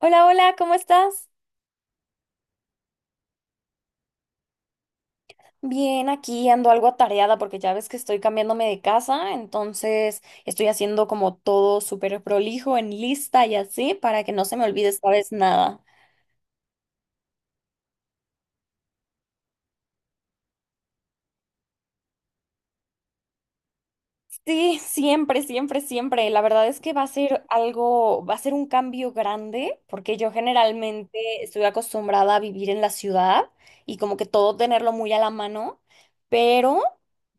Hola, hola, ¿cómo estás? Bien, aquí ando algo atareada porque ya ves que estoy cambiándome de casa, entonces estoy haciendo como todo súper prolijo en lista y así para que no se me olvide esta vez nada. Sí, siempre, siempre, siempre. La verdad es que va a ser algo, va a ser un cambio grande, porque yo generalmente estoy acostumbrada a vivir en la ciudad y como que todo tenerlo muy a la mano, pero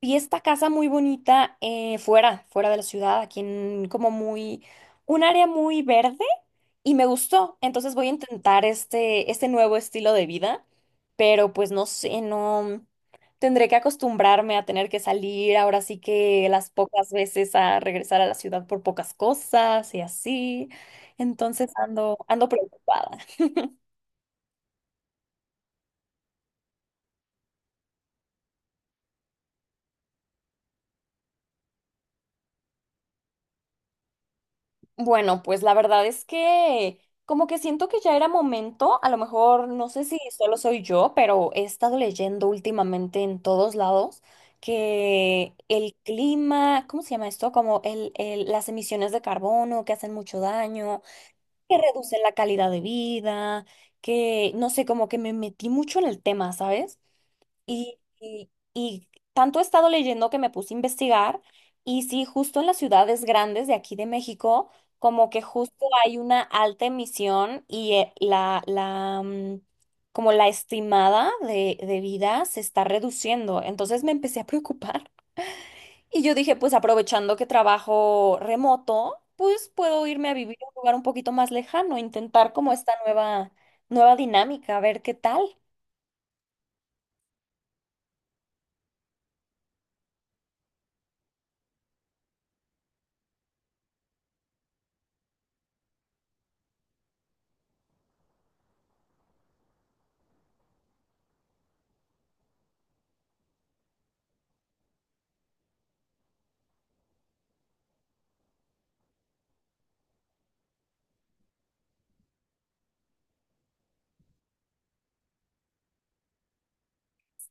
vi esta casa muy bonita fuera, fuera de la ciudad, aquí en como muy, un área muy verde y me gustó. Entonces voy a intentar este nuevo estilo de vida, pero pues no sé, no tendré que acostumbrarme a tener que salir ahora sí que las pocas veces a regresar a la ciudad por pocas cosas y así. Entonces ando, ando preocupada. Bueno, pues la verdad es que como que siento que ya era momento, a lo mejor no sé si solo soy yo, pero he estado leyendo últimamente en todos lados que el clima, ¿cómo se llama esto? Como las emisiones de carbono que hacen mucho daño, que reducen la calidad de vida, que no sé, como que me metí mucho en el tema, ¿sabes? Y tanto he estado leyendo que me puse a investigar y sí, justo en las ciudades grandes de aquí de México, como que justo hay una alta emisión y como la estimada de vida se está reduciendo. Entonces me empecé a preocupar y yo dije, pues aprovechando que trabajo remoto, pues puedo irme a vivir a un lugar un poquito más lejano, intentar como esta nueva, nueva dinámica, a ver qué tal.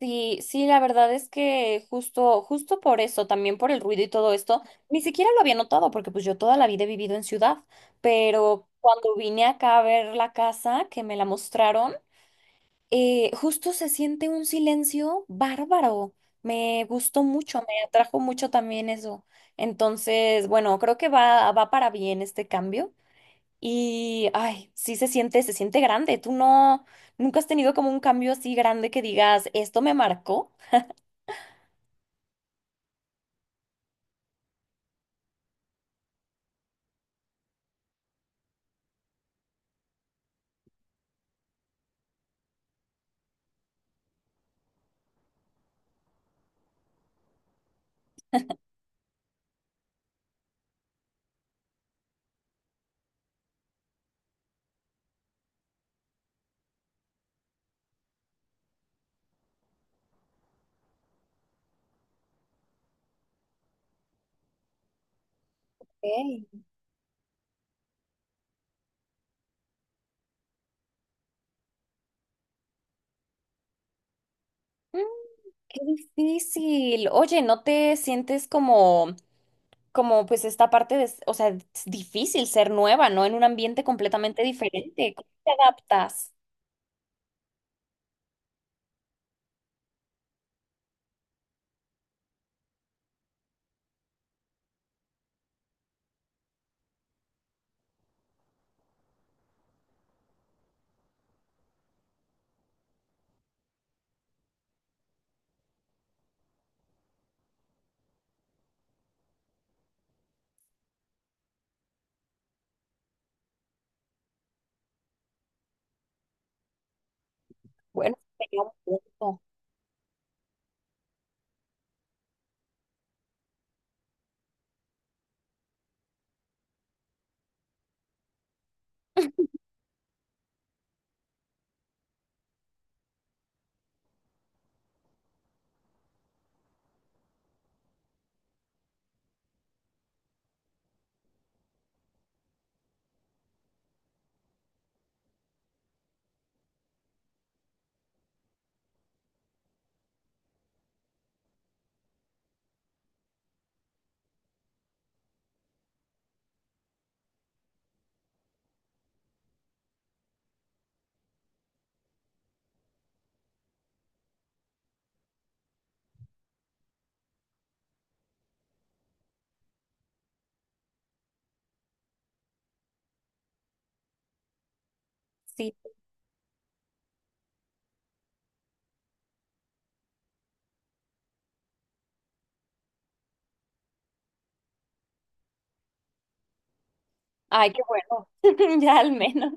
Sí, sí, la verdad es que justo, justo por eso, también por el ruido y todo esto, ni siquiera lo había notado, porque pues yo toda la vida he vivido en ciudad, pero cuando vine acá a ver la casa que me la mostraron, justo se siente un silencio bárbaro. Me gustó mucho, me atrajo mucho también eso. Entonces, bueno, creo que va, va para bien este cambio. Y, ay, sí se siente grande. ¿Tú no, nunca has tenido como un cambio así grande que digas, esto me marcó? Ok. Mm. Qué difícil. Oye, ¿no te sientes como, como pues esta parte de, o sea, es difícil ser nueva, ¿no? En un ambiente completamente diferente. ¿Cómo te adaptas? Bueno, sería un punto. Sí. Ay, qué bueno. Ya al menos.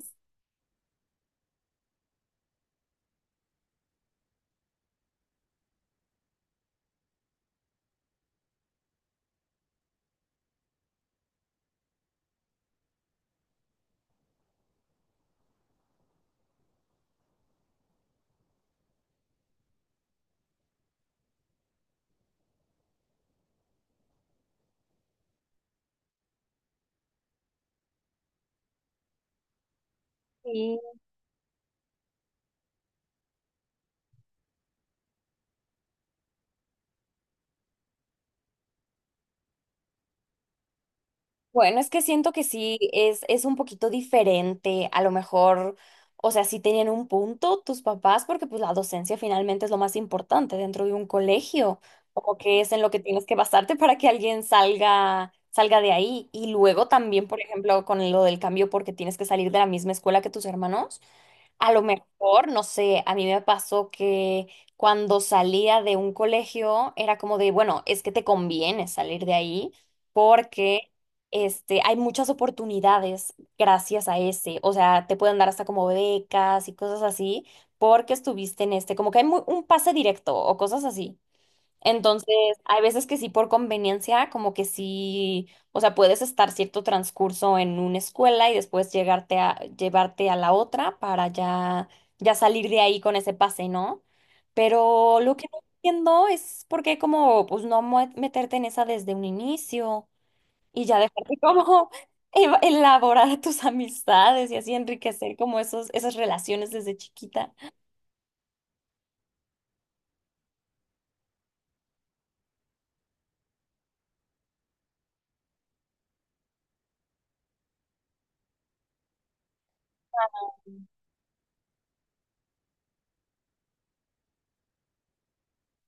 Sí. Bueno, es que siento que sí, es un poquito diferente. A lo mejor, o sea, sí tenían un punto tus papás, porque pues la docencia finalmente es lo más importante dentro de un colegio, como que es en lo que tienes que basarte para que alguien salga, salga de ahí. Y luego también, por ejemplo, con lo del cambio porque tienes que salir de la misma escuela que tus hermanos. A lo mejor, no sé, a mí me pasó que cuando salía de un colegio era como de, bueno, es que te conviene salir de ahí porque este, hay muchas oportunidades gracias a ese. O sea, te pueden dar hasta como becas y cosas así porque estuviste en este, como que hay un pase directo o cosas así. Entonces, hay veces que sí por conveniencia, como que sí, o sea, puedes estar cierto transcurso en una escuela y después llevarte a la otra para ya, ya salir de ahí con ese pase, ¿no? Pero lo que no entiendo es por qué como, pues no meterte en esa desde un inicio y ya dejarte como elaborar tus amistades y así enriquecer como esos, esas relaciones desde chiquita.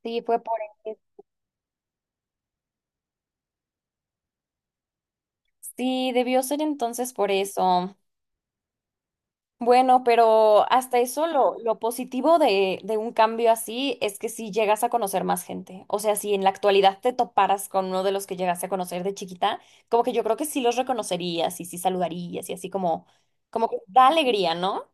Sí, fue por eso. Sí, debió ser entonces por eso. Bueno, pero hasta eso lo positivo de un cambio así es que si llegas a conocer más gente. O sea, si en la actualidad te toparas con uno de los que llegaste a conocer de chiquita, como que yo creo que sí los reconocerías y sí saludarías y así como, como que da alegría, ¿no?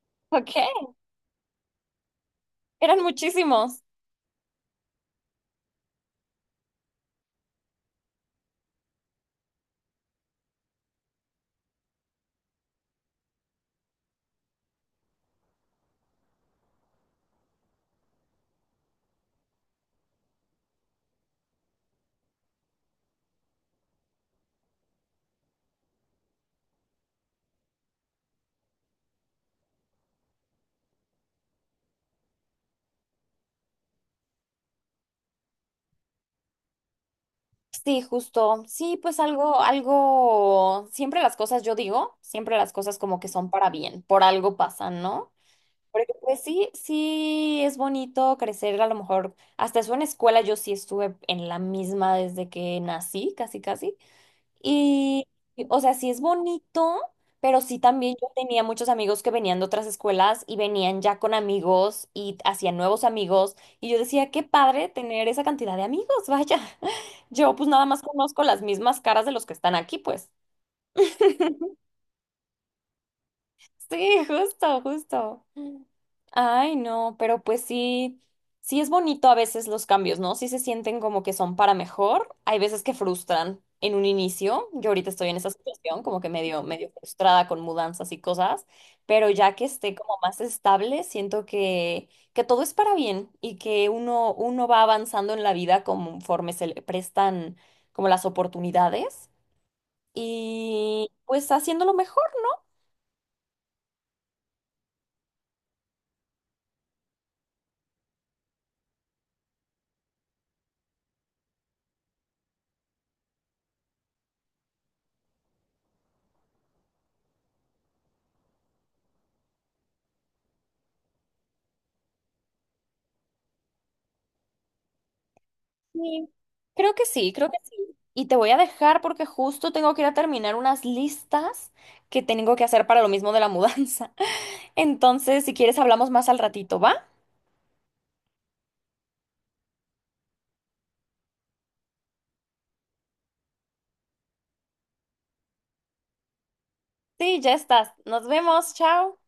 Ok, eran muchísimos. Sí, justo. Sí, pues algo, algo, siempre las cosas, yo digo, siempre las cosas como que son para bien, por algo pasan, ¿no? Porque pues sí, sí es bonito crecer, a lo mejor hasta eso en escuela yo sí estuve en la misma desde que nací, casi casi. Y, y, o sea, sí es bonito, pero sí también yo tenía muchos amigos que venían de otras escuelas y venían ya con amigos y hacían nuevos amigos. Y yo decía, qué padre tener esa cantidad de amigos, vaya. Yo pues nada más conozco las mismas caras de los que están aquí, pues. Sí, justo, justo. Ay, no, pero pues sí, sí es bonito a veces los cambios, ¿no? Sí se sienten como que son para mejor. Hay veces que frustran en un inicio. Yo ahorita estoy en esa situación, como que medio, medio frustrada con mudanzas y cosas, pero ya que esté como más estable, siento que todo es para bien y que uno, uno va avanzando en la vida conforme se le prestan como las oportunidades y pues haciéndolo mejor. Sí, creo que sí, creo que sí. Y te voy a dejar porque justo tengo que ir a terminar unas listas que tengo que hacer para lo mismo de la mudanza. Entonces, si quieres, hablamos más al ratito, ¿va? Sí, ya estás. Nos vemos. Chao.